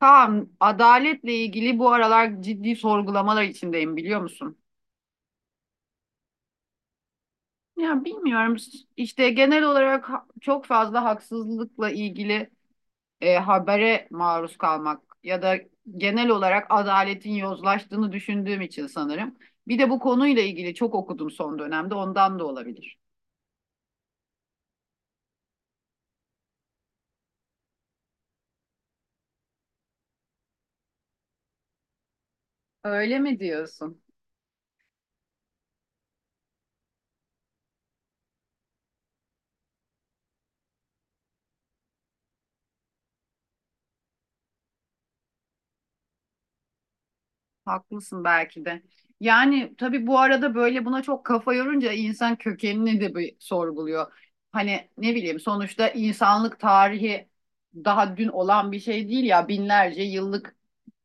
Kaan, adaletle ilgili bu aralar ciddi sorgulamalar içindeyim biliyor musun? Ya bilmiyorum. İşte genel olarak çok fazla haksızlıkla ilgili habere maruz kalmak ya da genel olarak adaletin yozlaştığını düşündüğüm için sanırım. Bir de bu konuyla ilgili çok okudum son dönemde, ondan da olabilir. Öyle mi diyorsun? Haklısın belki de. Yani tabii bu arada böyle buna çok kafa yorunca insan kökenini de bir sorguluyor. Hani ne bileyim, sonuçta insanlık tarihi daha dün olan bir şey değil ya, binlerce yıllık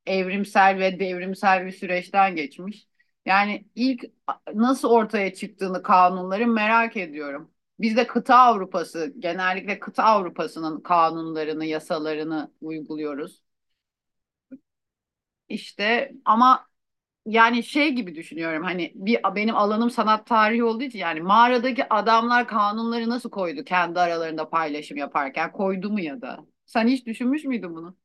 evrimsel ve devrimsel bir süreçten geçmiş. Yani ilk nasıl ortaya çıktığını, kanunları merak ediyorum. Biz de kıta Avrupası, genellikle kıta Avrupası'nın kanunlarını, yasalarını uyguluyoruz. İşte ama yani şey gibi düşünüyorum, hani bir, benim alanım sanat tarihi olduğu için, yani mağaradaki adamlar kanunları nasıl koydu, kendi aralarında paylaşım yaparken koydu mu ya da? Sen hiç düşünmüş müydün bunu?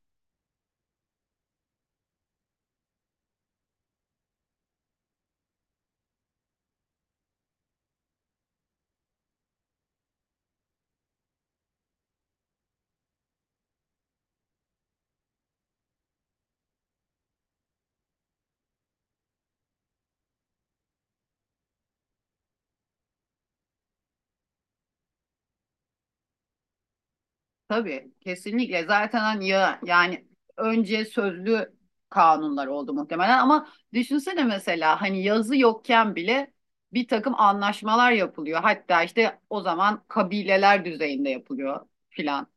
Tabii, kesinlikle zaten hani ya yani önce sözlü kanunlar oldu muhtemelen, ama düşünsene mesela hani yazı yokken bile bir takım anlaşmalar yapılıyor. Hatta işte o zaman kabileler düzeyinde yapılıyor filan.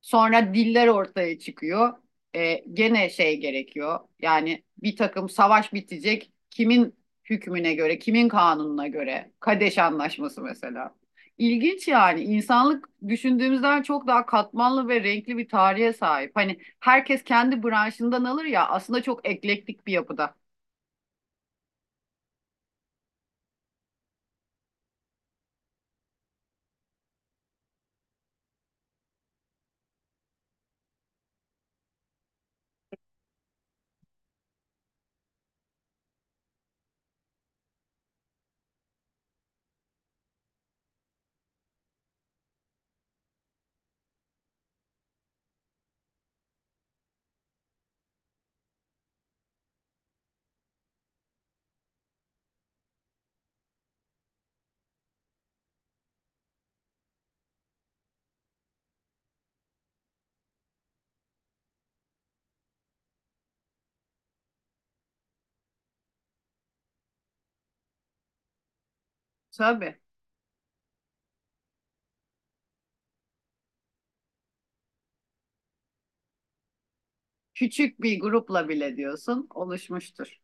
Sonra diller ortaya çıkıyor. E, gene şey gerekiyor. Yani bir takım savaş bitecek. Kimin hükmüne göre, kimin kanununa göre? Kadeş Anlaşması mesela. İlginç yani. İnsanlık düşündüğümüzden çok daha katmanlı ve renkli bir tarihe sahip. Hani herkes kendi branşından alır ya, aslında çok eklektik bir yapıda. Tabii. Küçük bir grupla bile diyorsun oluşmuştur.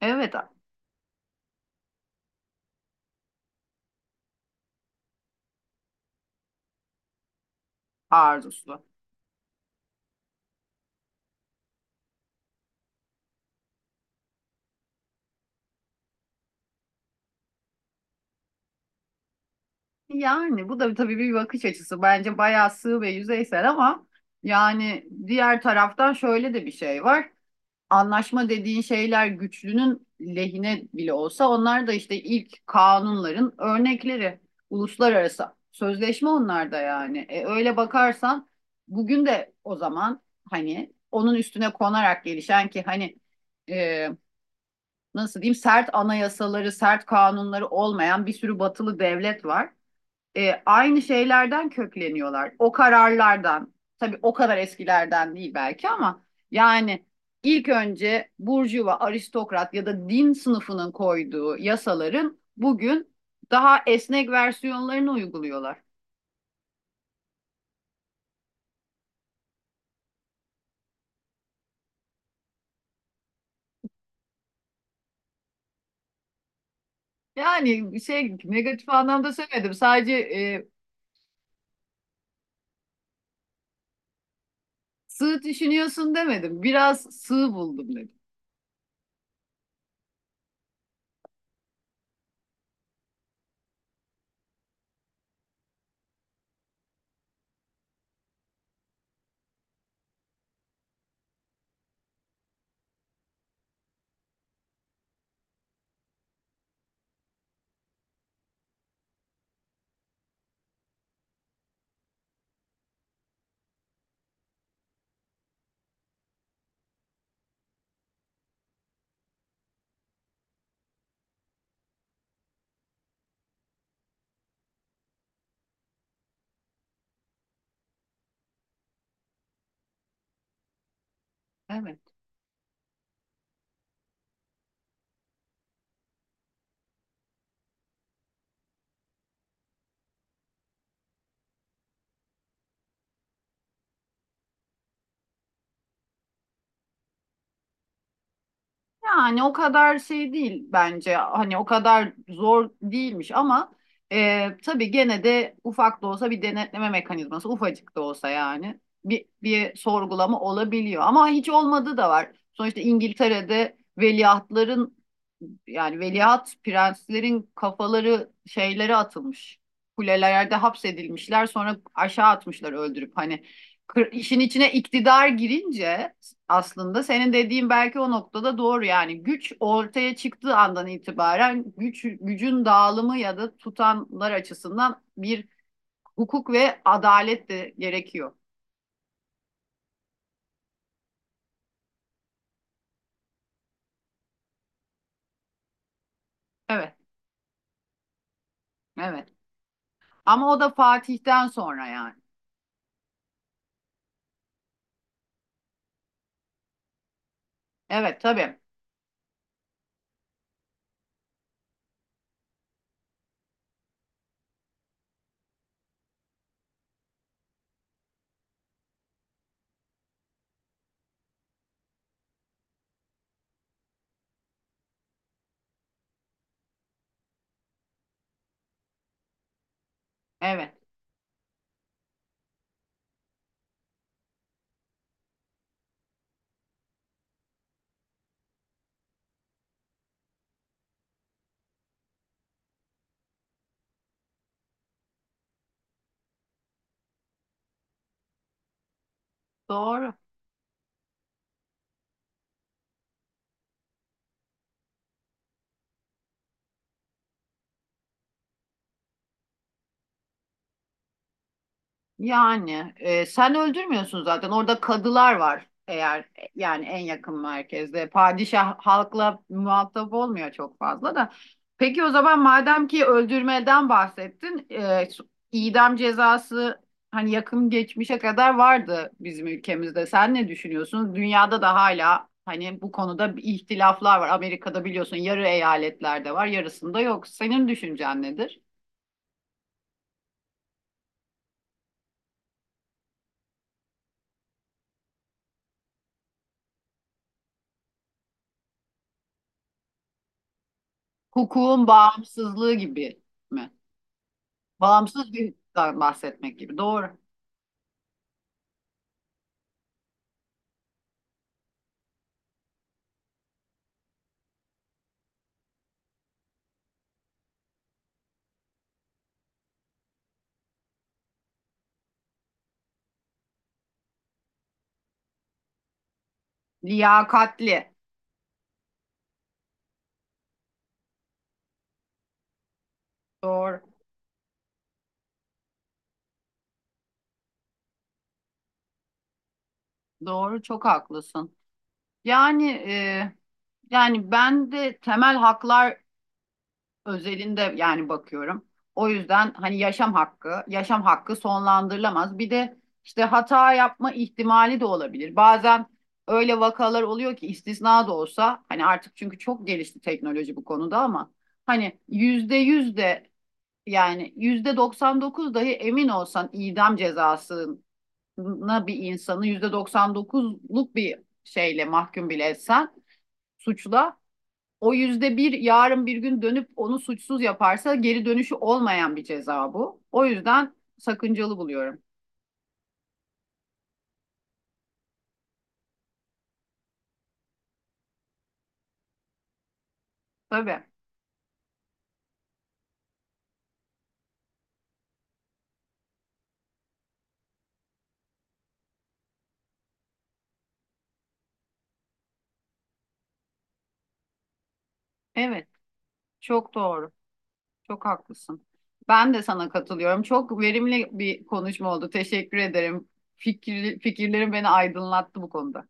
Evet. Arzusu. Yani bu da tabii bir bakış açısı. Bence bayağı sığ ve yüzeysel, ama yani diğer taraftan şöyle de bir şey var. Anlaşma dediğin şeyler güçlünün lehine bile olsa, onlar da işte ilk kanunların örnekleri. Uluslararası sözleşme onlar da yani. E, öyle bakarsan bugün de o zaman hani onun üstüne konarak gelişen, ki hani e, nasıl diyeyim, sert anayasaları, sert kanunları olmayan bir sürü batılı devlet var, aynı şeylerden kökleniyorlar. O kararlardan, tabii o kadar eskilerden değil belki ama yani ilk önce burjuva, aristokrat ya da din sınıfının koyduğu yasaların bugün daha esnek versiyonlarını uyguluyorlar. Yani şey, negatif anlamda söylemedim. Sadece sığ düşünüyorsun demedim. Biraz sığ buldum dedim. Evet. Yani o kadar şey değil bence. Hani o kadar zor değilmiş, ama tabii gene de ufak da olsa bir denetleme mekanizması, ufacık da olsa yani bir sorgulama olabiliyor. Ama hiç olmadığı da var. Sonuçta İngiltere'de veliahtların, yani veliaht prenslerin kafaları şeylere atılmış. Kulelerde hapsedilmişler, sonra aşağı atmışlar öldürüp hani. İşin içine iktidar girince aslında senin dediğin belki o noktada doğru. Yani güç ortaya çıktığı andan itibaren güç, gücün dağılımı ya da tutanlar açısından bir hukuk ve adalet de gerekiyor. Evet, evet. Ama o da Fatih'ten sonra yani. Evet, tabii. Evet. Doğru. Yani sen öldürmüyorsun zaten. Orada kadılar var eğer, yani en yakın merkezde. Padişah halkla muhatap olmuyor çok fazla da. Peki o zaman, madem ki öldürmeden bahsettin, idam cezası hani yakın geçmişe kadar vardı bizim ülkemizde. Sen ne düşünüyorsun? Dünyada da hala hani bu konuda bir ihtilaflar var. Amerika'da biliyorsun yarı eyaletlerde var, yarısında yok. Senin düşüncen nedir? Hukukun bağımsızlığı gibi mi? Bağımsız bir bahsetmek gibi. Doğru. Liyakatli. Doğru. Doğru. Çok haklısın. Yani e, yani ben de temel haklar özelinde yani bakıyorum. O yüzden hani yaşam hakkı, yaşam hakkı sonlandırılamaz. Bir de işte hata yapma ihtimali de olabilir. Bazen öyle vakalar oluyor ki, istisna da olsa hani, artık çünkü çok gelişti teknoloji bu konuda ama hani yüzde yüz de. Yani %99 dahi emin olsan, idam cezasına bir insanı %99'luk bir şeyle mahkum bile etsen suçla, o yüzde bir yarın bir gün dönüp onu suçsuz yaparsa geri dönüşü olmayan bir ceza bu. O yüzden sakıncalı buluyorum. Tabii. Evet. Çok doğru. Çok haklısın. Ben de sana katılıyorum. Çok verimli bir konuşma oldu. Teşekkür ederim. Fikirlerim beni aydınlattı bu konuda.